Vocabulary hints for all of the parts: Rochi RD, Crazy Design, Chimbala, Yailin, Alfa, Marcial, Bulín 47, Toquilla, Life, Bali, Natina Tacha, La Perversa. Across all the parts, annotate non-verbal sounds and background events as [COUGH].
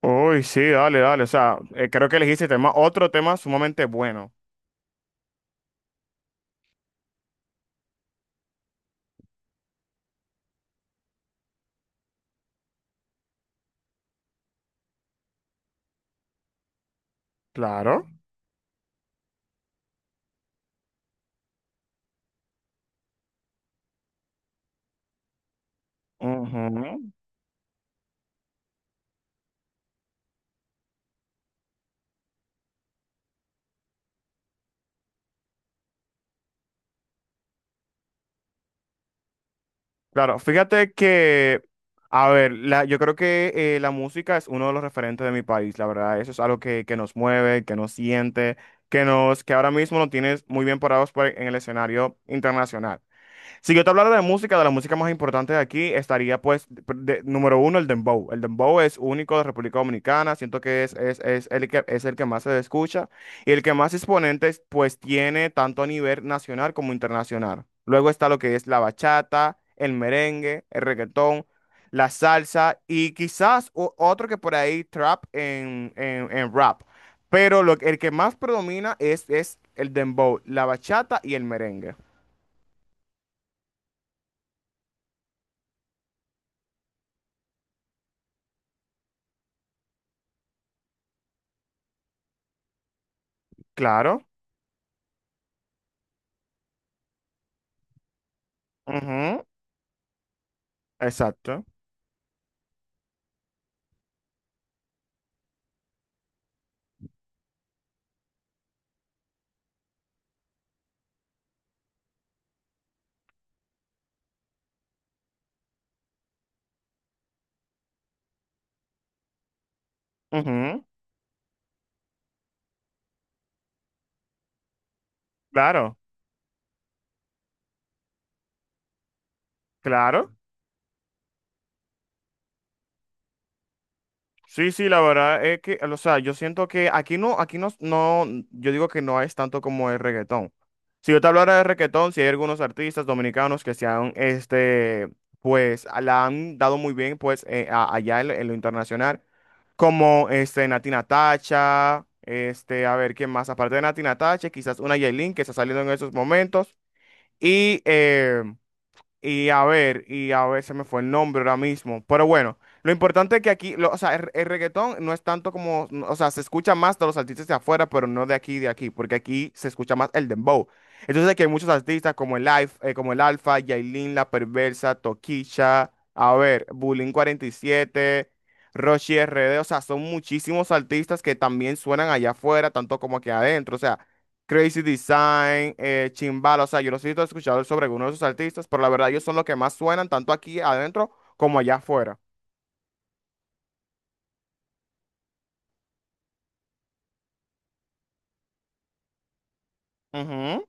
Uy, sí, dale, dale. O sea, creo que elegiste otro tema sumamente bueno. Claro. Ujú. Claro, fíjate que, a ver, yo creo que la música es uno de los referentes de mi país, la verdad. Eso es algo que nos mueve, que nos siente, que ahora mismo nos tienes muy bien parados en el escenario internacional. Si yo te hablara de música, de la música más importante de aquí, estaría pues, número uno, el dembow. El dembow es único de República Dominicana, siento que es el que más se escucha y el que más exponentes pues tiene tanto a nivel nacional como internacional. Luego está lo que es la bachata, el merengue, el reggaetón, la salsa y quizás otro que por ahí, trap en rap. Pero el que más predomina es el dembow, la bachata y el merengue. Claro. Ujú. Exacto. Ujú, claro, claro. Sí, sí, la verdad es que, o sea, yo siento que aquí no, no, yo digo que no es tanto como el reggaetón. Si yo te hablara de reggaetón, si hay algunos artistas dominicanos que se han, este, pues, la han dado muy bien, pues, allá en lo internacional, como, este, Natina Tacha, este, a ver, ¿quién más? Aparte de Natina Tacha, quizás una Yailin que está saliendo en esos momentos, y, eh, y a ver, se me fue el nombre ahora mismo. Pero bueno, lo importante es que aquí, o sea, el reggaetón no es tanto como, no, o sea, se escucha más de los artistas de afuera, pero no de aquí, de aquí, porque aquí se escucha más el dembow. Entonces aquí hay muchos artistas como el Life, como el Alfa, Yailin, La Perversa, Toquilla, a ver, Bulín 47, Rochi RD, o sea, son muchísimos artistas que también suenan allá afuera, tanto como aquí adentro. O sea, Crazy Design, Chimbala, o sea, yo los he escuchado sobre algunos de esos artistas, pero la verdad ellos son los que más suenan tanto aquí adentro como allá afuera. Ujú,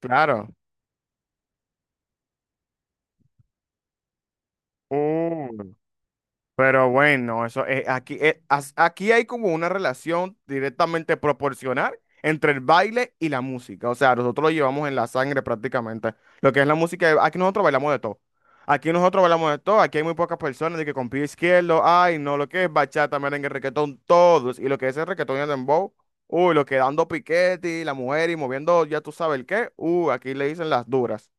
claro. Uh. Pero bueno, eso aquí, aquí hay como una relación directamente proporcional entre el baile y la música. O sea, nosotros lo llevamos en la sangre prácticamente. Lo que es la música, aquí nosotros bailamos de todo. Aquí nosotros bailamos de todo. Aquí hay muy pocas personas de que con pie izquierdo, ay, no, lo que es bachata, merengue, reggaetón, todos. Y lo que es el reggaetón y el dembow, uy, lo que dando piquete y la mujer y moviendo, ya tú sabes el qué, uy, aquí le dicen las duras.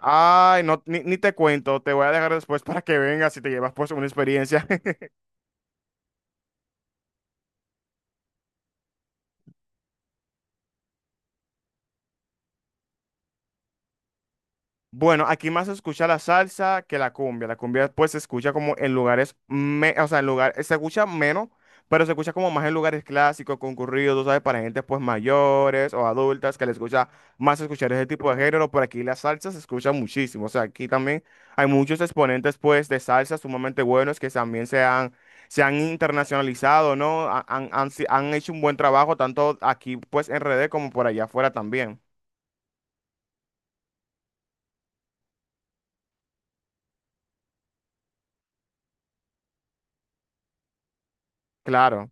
Ay, no, ni te cuento, te voy a dejar después para que vengas y te llevas pues una experiencia. [LAUGHS] Bueno, aquí más se escucha la salsa que la cumbia. La cumbia pues se escucha como en lugares, me- o sea, en lugares, se escucha menos, pero se escucha como más en lugares clásicos, concurridos, tú ¿sabes? Para gente pues mayores o adultas que les gusta más escuchar ese tipo de género. Por aquí la salsa se escucha muchísimo. O sea, aquí también hay muchos exponentes pues de salsa sumamente buenos que también se han internacionalizado, ¿no? Han, han, han si- han hecho un buen trabajo tanto aquí pues en RD como por allá afuera también. Claro.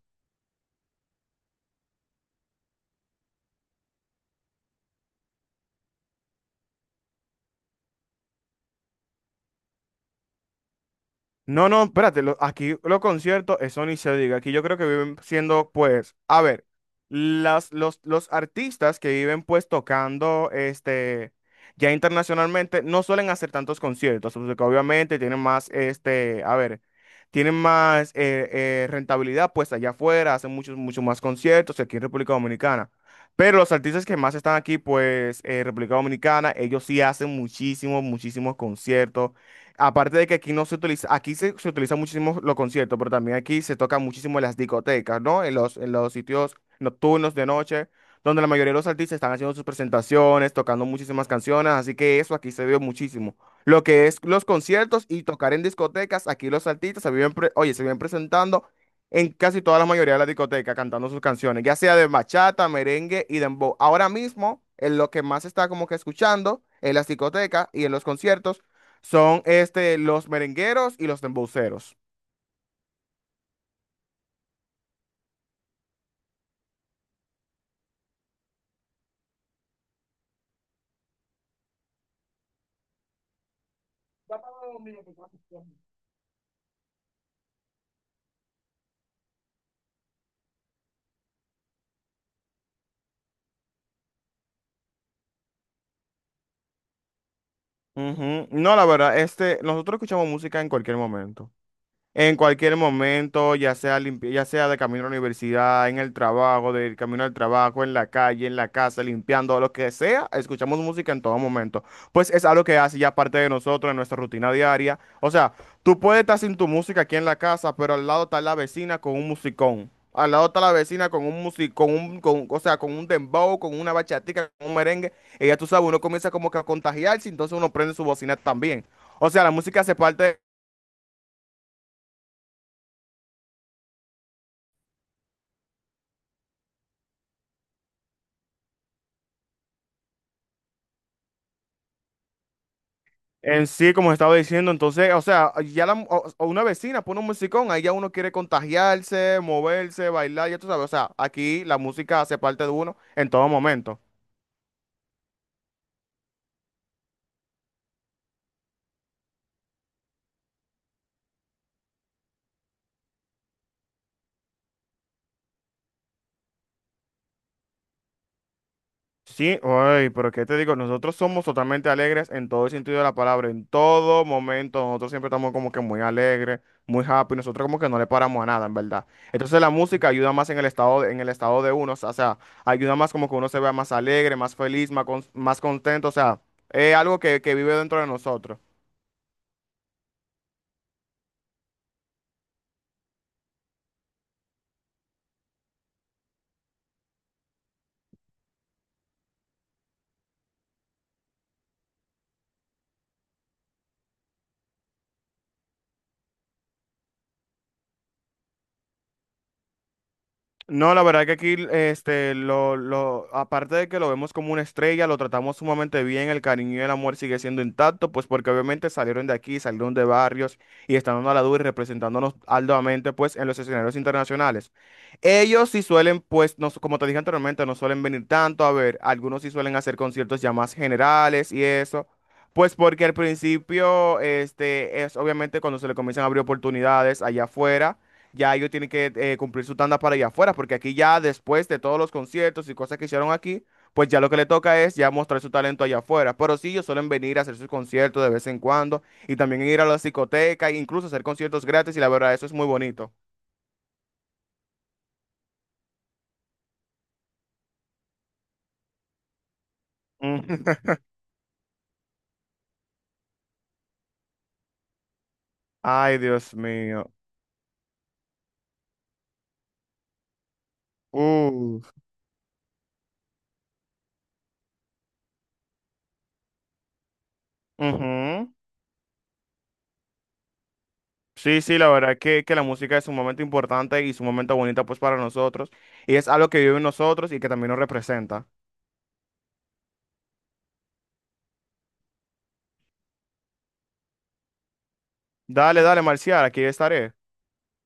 No, no, espérate, aquí los conciertos, eso ni se diga. Aquí yo creo que viven siendo, pues, a ver, los artistas que viven pues tocando este ya internacionalmente no suelen hacer tantos conciertos, pues, porque obviamente tienen más, este, a ver, tienen más rentabilidad pues allá afuera, hacen muchos, muchos más conciertos aquí en República Dominicana. Pero los artistas que más están aquí, pues, en República Dominicana, ellos sí hacen muchísimos, muchísimos conciertos. Aparte de que aquí no se utiliza, aquí se utiliza muchísimo los conciertos, pero también aquí se tocan muchísimo en las discotecas, ¿no? En los sitios nocturnos de noche, donde la mayoría de los artistas están haciendo sus presentaciones, tocando muchísimas canciones, así que eso aquí se vio muchísimo. Lo que es los conciertos y tocar en discotecas, aquí los artistas se viven, oye, se viven presentando en casi toda la mayoría de las discotecas cantando sus canciones, ya sea de bachata, merengue y dembow. Ahora mismo, en lo que más se está como que escuchando en las discotecas y en los conciertos son este, los merengueros y los dembowceros. Ujú. No, la verdad, este, nosotros escuchamos música en cualquier momento. En cualquier momento, ya sea de camino a la universidad, en el trabajo, del camino al trabajo, en la calle, en la casa, limpiando, lo que sea, escuchamos música en todo momento. Pues es algo que hace ya parte de nosotros, en nuestra rutina diaria. O sea, tú puedes estar sin tu música aquí en la casa, pero al lado está la vecina con un musicón. Al lado está la vecina con un músico, o sea, con un dembow, con una bachatica, con un merengue. Y ya tú sabes, uno comienza como que a contagiarse, entonces uno prende su bocina también. O sea, la música hace parte. En sí, como estaba diciendo, entonces, o sea, o una vecina pone un musicón, ahí ya uno quiere contagiarse, moverse, bailar, ya tú sabes, o sea, aquí la música hace parte de uno en todo momento. Sí, ay, pero qué te digo, nosotros somos totalmente alegres en todo el sentido de la palabra, en todo momento, nosotros siempre estamos como que muy alegres, muy happy, nosotros como que no le paramos a nada, en verdad. Entonces la música ayuda más en el estado de uno, o sea, ayuda más como que uno se vea más alegre, más feliz, más, más contento, o sea, es algo que vive dentro de nosotros. No, la verdad que aquí, este, aparte de que lo vemos como una estrella, lo tratamos sumamente bien, el cariño y el amor sigue siendo intacto, pues porque obviamente salieron de aquí, salieron de barrios y están dando a la dura y representándonos altamente, pues, en los escenarios internacionales. Ellos sí suelen, pues, no, como te dije anteriormente, no suelen venir tanto, a ver, algunos sí suelen hacer conciertos ya más generales y eso. Pues porque al principio, este, es obviamente cuando se le comienzan a abrir oportunidades allá afuera, ya ellos tienen que cumplir su tanda para allá afuera, porque aquí ya después de todos los conciertos y cosas que hicieron aquí, pues ya lo que le toca es ya mostrar su talento allá afuera. Pero sí, ellos suelen venir a hacer sus conciertos de vez en cuando y también ir a la discoteca e incluso hacer conciertos gratis y la verdad, eso es muy bonito. Mm. [LAUGHS] Ay, Dios mío. Uh, ujú. Sí, sí, la verdad que, la música es un momento importante y es un momento bonito pues para nosotros y es algo que vive en nosotros y que también nos representa. Dale, dale, Marcial, aquí estaré.